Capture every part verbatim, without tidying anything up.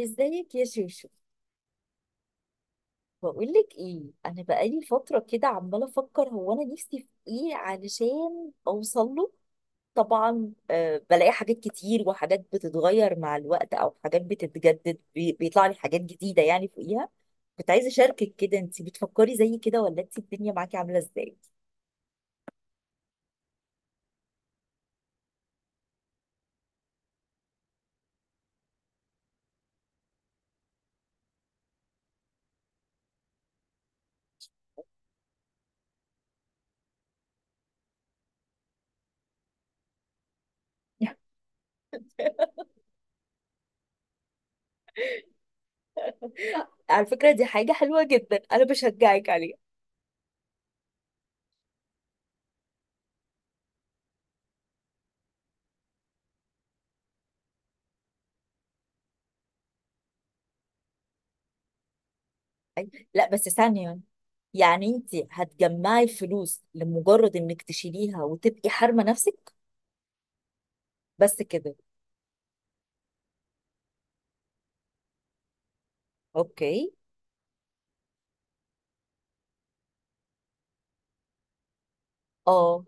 ازيك يا شوشو؟ بقولك ايه، انا بقالي فتره كده عماله افكر هو انا نفسي في ايه علشان اوصل له. طبعا آه بلاقي حاجات كتير، وحاجات بتتغير مع الوقت او حاجات بتتجدد، بي- بيطلع لي حاجات جديده يعني فوقيها. كنت عايزه اشاركك كده، انت بتفكري زي كده ولا انت الدنيا معاكي عامله ازاي؟ على فكره دي حاجه حلوه جدا، انا بشجعك عليها. أي- لا بس ثانيه، يعني انت هتجمعي فلوس لمجرد انك تشيليها وتبقي حارمه نفسك؟ بس كده. اوكي. اه.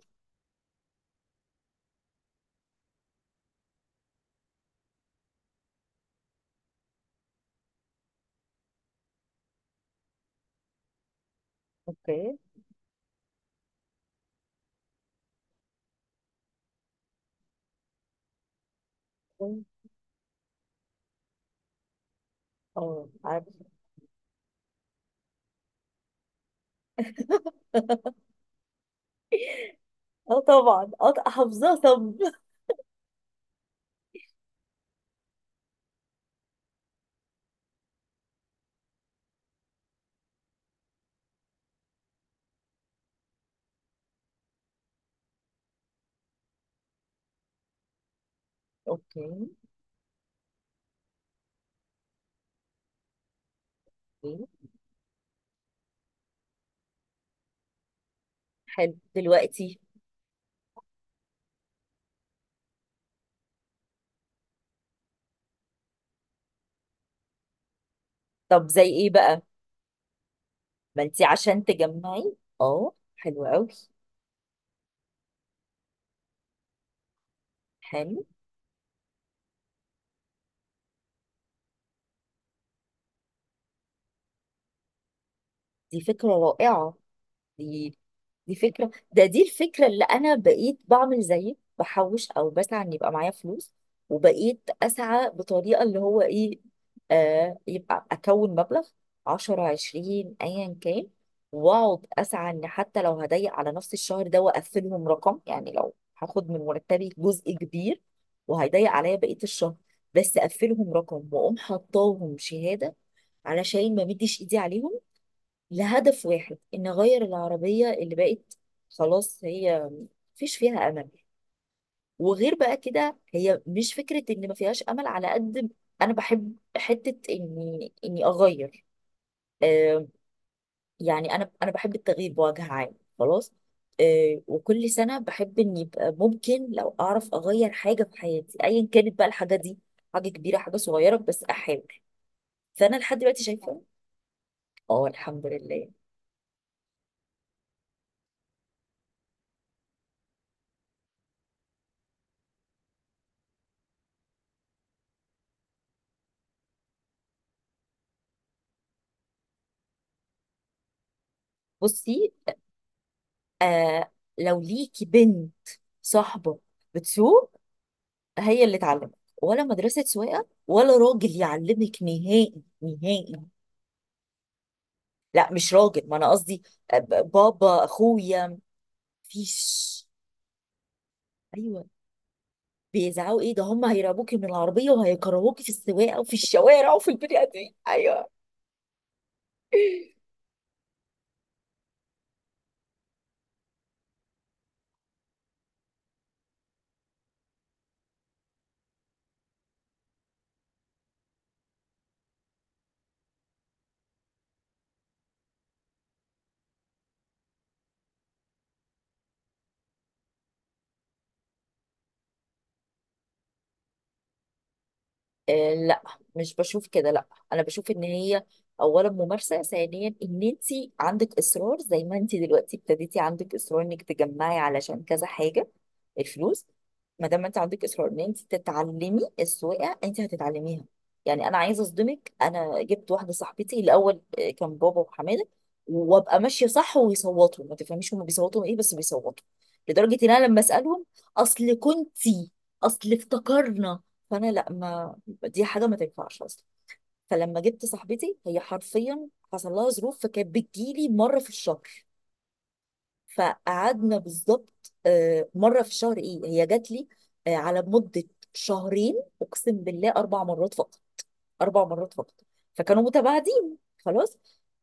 اوكي. اه عارف. اه طبعا، اه حافظاه. طب اوكي. اوكي. حلو دلوقتي. طب زي ايه بقى؟ ما انت عشان تجمعي، اه حلو قوي. حلو، دي فكرة رائعة. دي دي فكرة، ده دي الفكرة اللي أنا بقيت بعمل زيك، بحوش أو بسعى إن يبقى معايا فلوس. وبقيت أسعى بطريقة اللي هو إيه، آه يبقى أكون مبلغ عشرة عشرين أيا كان، وأقعد أسعى إن حتى لو هضيق على نفس الشهر ده وأقفلهم رقم. يعني لو هاخد من مرتبي جزء كبير وهيضيق عليا بقية الشهر، بس أقفلهم رقم وأقوم حطاهم شهادة علشان ما مديش إيدي عليهم، لهدف واحد ان اغير العربيه اللي بقت خلاص هي مفيش فيها امل. وغير بقى كده هي مش فكره ان ما فيهاش امل على قد انا بحب حته اني اني اغير. آه يعني انا انا بحب التغيير بوجه عام. خلاص. آه وكل سنه بحب ان يبقى ممكن لو اعرف اغير حاجه في حياتي، ايا كانت بقى الحاجه دي، حاجه كبيره حاجه صغيره بس احاول. فانا لحد دلوقتي شايفه. اه الحمد لله. بصي، آه لو ليكي بنت صاحبة بتسوق، هي اللي تعلمك، ولا مدرسة سواقة، ولا راجل يعلمك نهائي. نهائي. لا مش راجل، ما انا قصدي آه، ب- بابا اخويا. مفيش. ايوه بيزعقوا ايه ده، هم هيرعبوكي من العربية وهيكرهوكي في السواقة وفي الشوارع وفي البني ادمين. ايوه. آه لا، مش بشوف كده، لا. انا بشوف ان هي اولا ممارسه، ثانيا ان انت عندك اصرار زي ما انت دلوقتي ابتديتي، عندك اصرار انك تجمعي علشان كذا حاجه الفلوس. ما دام انت عندك اصرار ان انت تتعلمي السواقه، انت هتتعلميها. يعني انا عايزه اصدمك، انا جبت واحده صاحبتي. الاول آه، كان بابا وحماده، وابقى ماشيه صح ويصوتوا، ما تفهميش هم بيصوتوا ايه بس بيصوتوا، لدرجه ان انا لما اسالهم اصل كنتي، اصل افتكرنا. فانا لا، ما دي حاجه ما تنفعش اصلا. فلما جبت صاحبتي هي حرفيا حصل لها ظروف، فكانت بتجيلي مره في الشهر. فقعدنا بالظبط آه، مره في الشهر، ايه هي جات لي آه، على مده شهرين، اقسم بالله اربع مرات فقط. اربع مرات فقط. فكانوا متباعدين خلاص.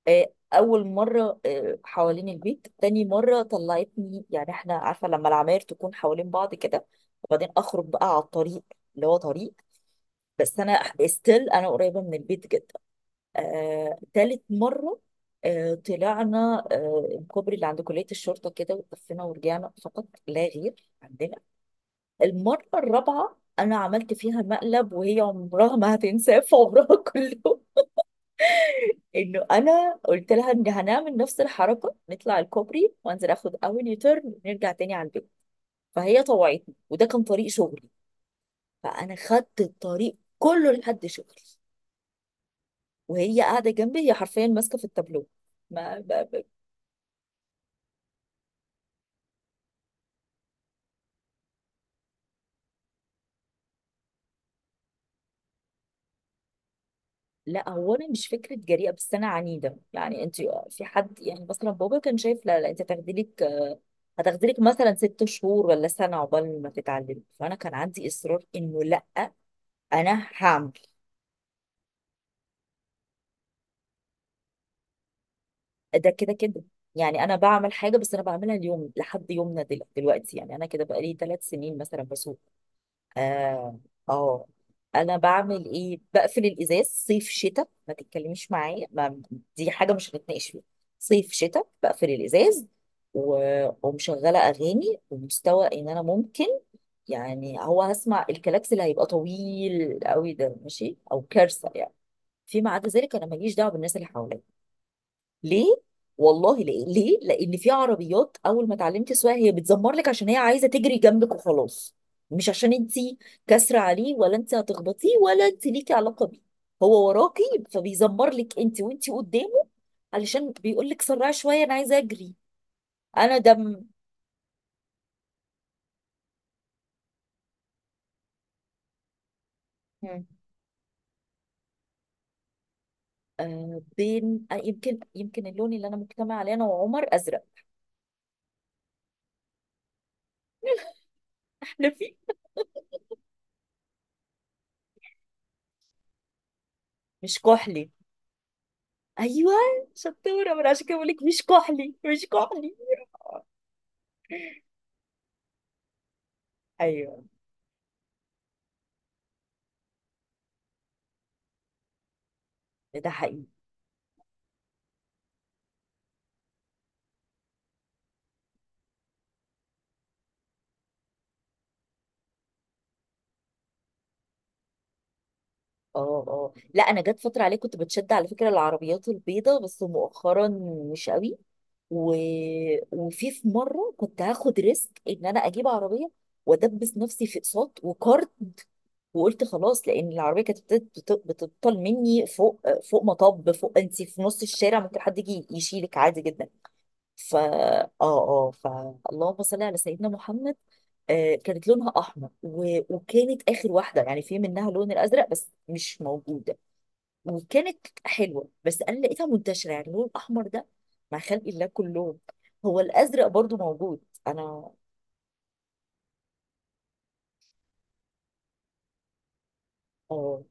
آه، اول مره آه، حوالين البيت، تاني مره طلعتني يعني احنا عارفه لما العماير تكون حوالين بعض كده، وبعدين اخرج بقى على الطريق اللي هو طريق، بس انا ستيل انا قريبه من البيت جدا. آه، تالت مرة آه، طلعنا آه، الكوبري اللي عند كلية الشرطة كده وتلفينا ورجعنا، فقط لا غير عندنا. المرة الرابعة أنا عملت فيها مقلب وهي عمرها ما هتنساه في عمرها كله. إنه أنا قلت لها إن هنعمل نفس الحركة، نطلع الكوبري وأنزل آخد أول يوتيرن ونرجع تاني على البيت. فهي طوعتني، وده كان طريق شغلي. فأنا خدت الطريق كله لحد شغلي. وهي قاعدة جنبي هي حرفيا ماسكة في التابلو. ما لا، هو انا مش فكره جريئه بس انا عنيده. يعني انت، في حد يعني مثلا بابا كان شايف لا لا، انت هتاخدي لك هتاخدي لك مثلا ست شهور ولا سنه عقبال ما تتعلمي، فانا كان عندي اصرار انه لا، انا هعمل. ده كده كده، يعني انا بعمل حاجه بس انا بعملها اليوم لحد يومنا دل- دلوقتي. يعني انا كده بقالي ثلاث سنين مثلا بسوق. اه. اه انا بعمل ايه، بقفل الازاز صيف شتاء، ما تتكلميش معايا. ما دي حاجه مش هنتناقش فيها. صيف شتاء بقفل الازاز، و... ومشغله اغاني ومستوى ان انا ممكن، يعني هو هسمع الكلاكس اللي هيبقى طويل قوي ده ماشي، او كارثه يعني. فيما عدا ذلك انا ماليش دعوه بالناس اللي حواليا. ليه؟ والله ليه ليه، لان في عربيات اول ما اتعلمتي السواقه هي بتزمر لك عشان هي عايزه تجري جنبك وخلاص. مش عشان انت كاسره عليه ولا انت هتخبطيه ولا انت ليكي علاقه بيه، هو وراكي فبيزمر لك انت وانت قدامه، علشان بيقول لك سرعي شويه انا عايزه اجري. انا دم. مم. آه بين، آه يمكن يمكن اللون اللي انا مجتمع عليه انا وعمر، ازرق. لفيف. مش كحلي. ايوه. شطوره، من عشان كده بقول لك مش كحلي، مش كحلي. ايوه ده حقيقي. اه اه لا، انا جت فتره عليه كنت بتشد على فكره العربيات البيضاء، بس مؤخرا مش قوي. و... وفي في مره كنت هاخد ريسك ان انا اجيب عربيه وادبس نفسي في اقساط وكارد، وقلت خلاص، لان العربيه كانت بتت- بت- بتبطل مني فوق، فوق مطب، فوق، انت في نص الشارع ممكن حد يجي يشيلك عادي جدا. فا اه اه فاللهم صل على سيدنا محمد. آه كانت لونها احمر، و... وكانت اخر واحده يعني في منها اللون الازرق بس مش موجود. وكانت حلوه، بس انا لقيتها منتشره يعني اللون الاحمر ده مع خلق الله كلهم. هو الازرق برضو موجود. انا اه.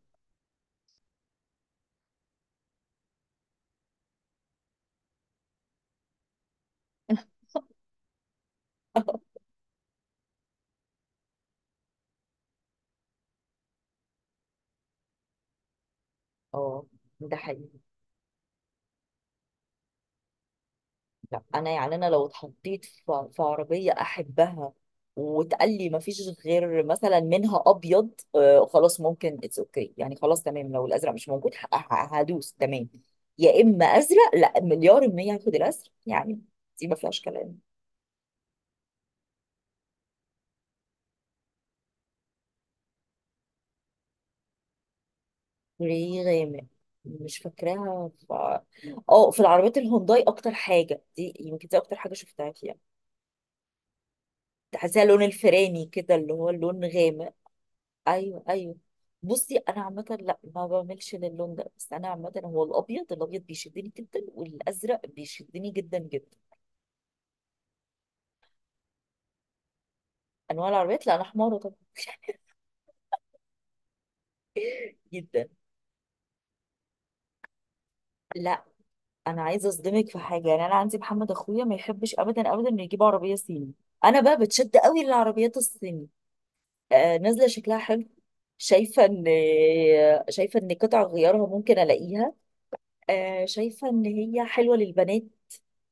اه ده حقيقي. لا انا يعني، انا لو اتحطيت في في عربيه احبها وتقال لي ما فيش غير مثلا منها ابيض، آه خلاص ممكن اتس اوكي، يعني خلاص تمام لو الازرق مش موجود ه- ه- هدوس تمام. يا اما ازرق، لا مليار المية هاخد الازرق يعني، دي ما فيهاش كلام. ليه غامق؟ مش فاكراها. ف... اه في العربيات الهونداي اكتر حاجه، دي يمكن دي اكتر حاجه شفتها فيها. تحسيها لون الفراني كده اللي هو اللون غامق. ايوه ايوه. بصي انا عامه لا ما بعملش للون ده، بس انا عامه هو الابيض، الابيض بيشدني جدا والازرق بيشدني جدا جدا. انواع العربيات؟ لا انا حماره طبعا. جدا. لا انا عايزه اصدمك في حاجه، يعني انا عندي محمد اخويا ما يحبش ابدا ابدا انه يجيب عربيه صيني. انا بقى بتشد قوي للعربيات الصيني. آه، نازله شكلها حلو. شايفه ان شايفه ان قطع غيارها ممكن الاقيها، آه، شايفه ان هي حلوه للبنات.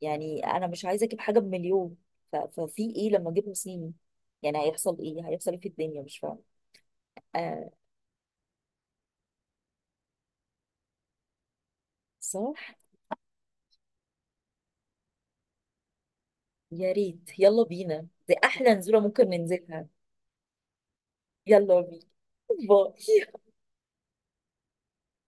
يعني انا مش عايزه اجيب حاجه بمليون، ف- ففي ايه لما اجيب صيني؟ يعني هيحصل ايه، هيحصل ايه في الدنيا مش فاهمه. آه، صح. يا ريت يلا بينا، دي احلى نزوله ممكن ننزلها. يلا بينا. باي.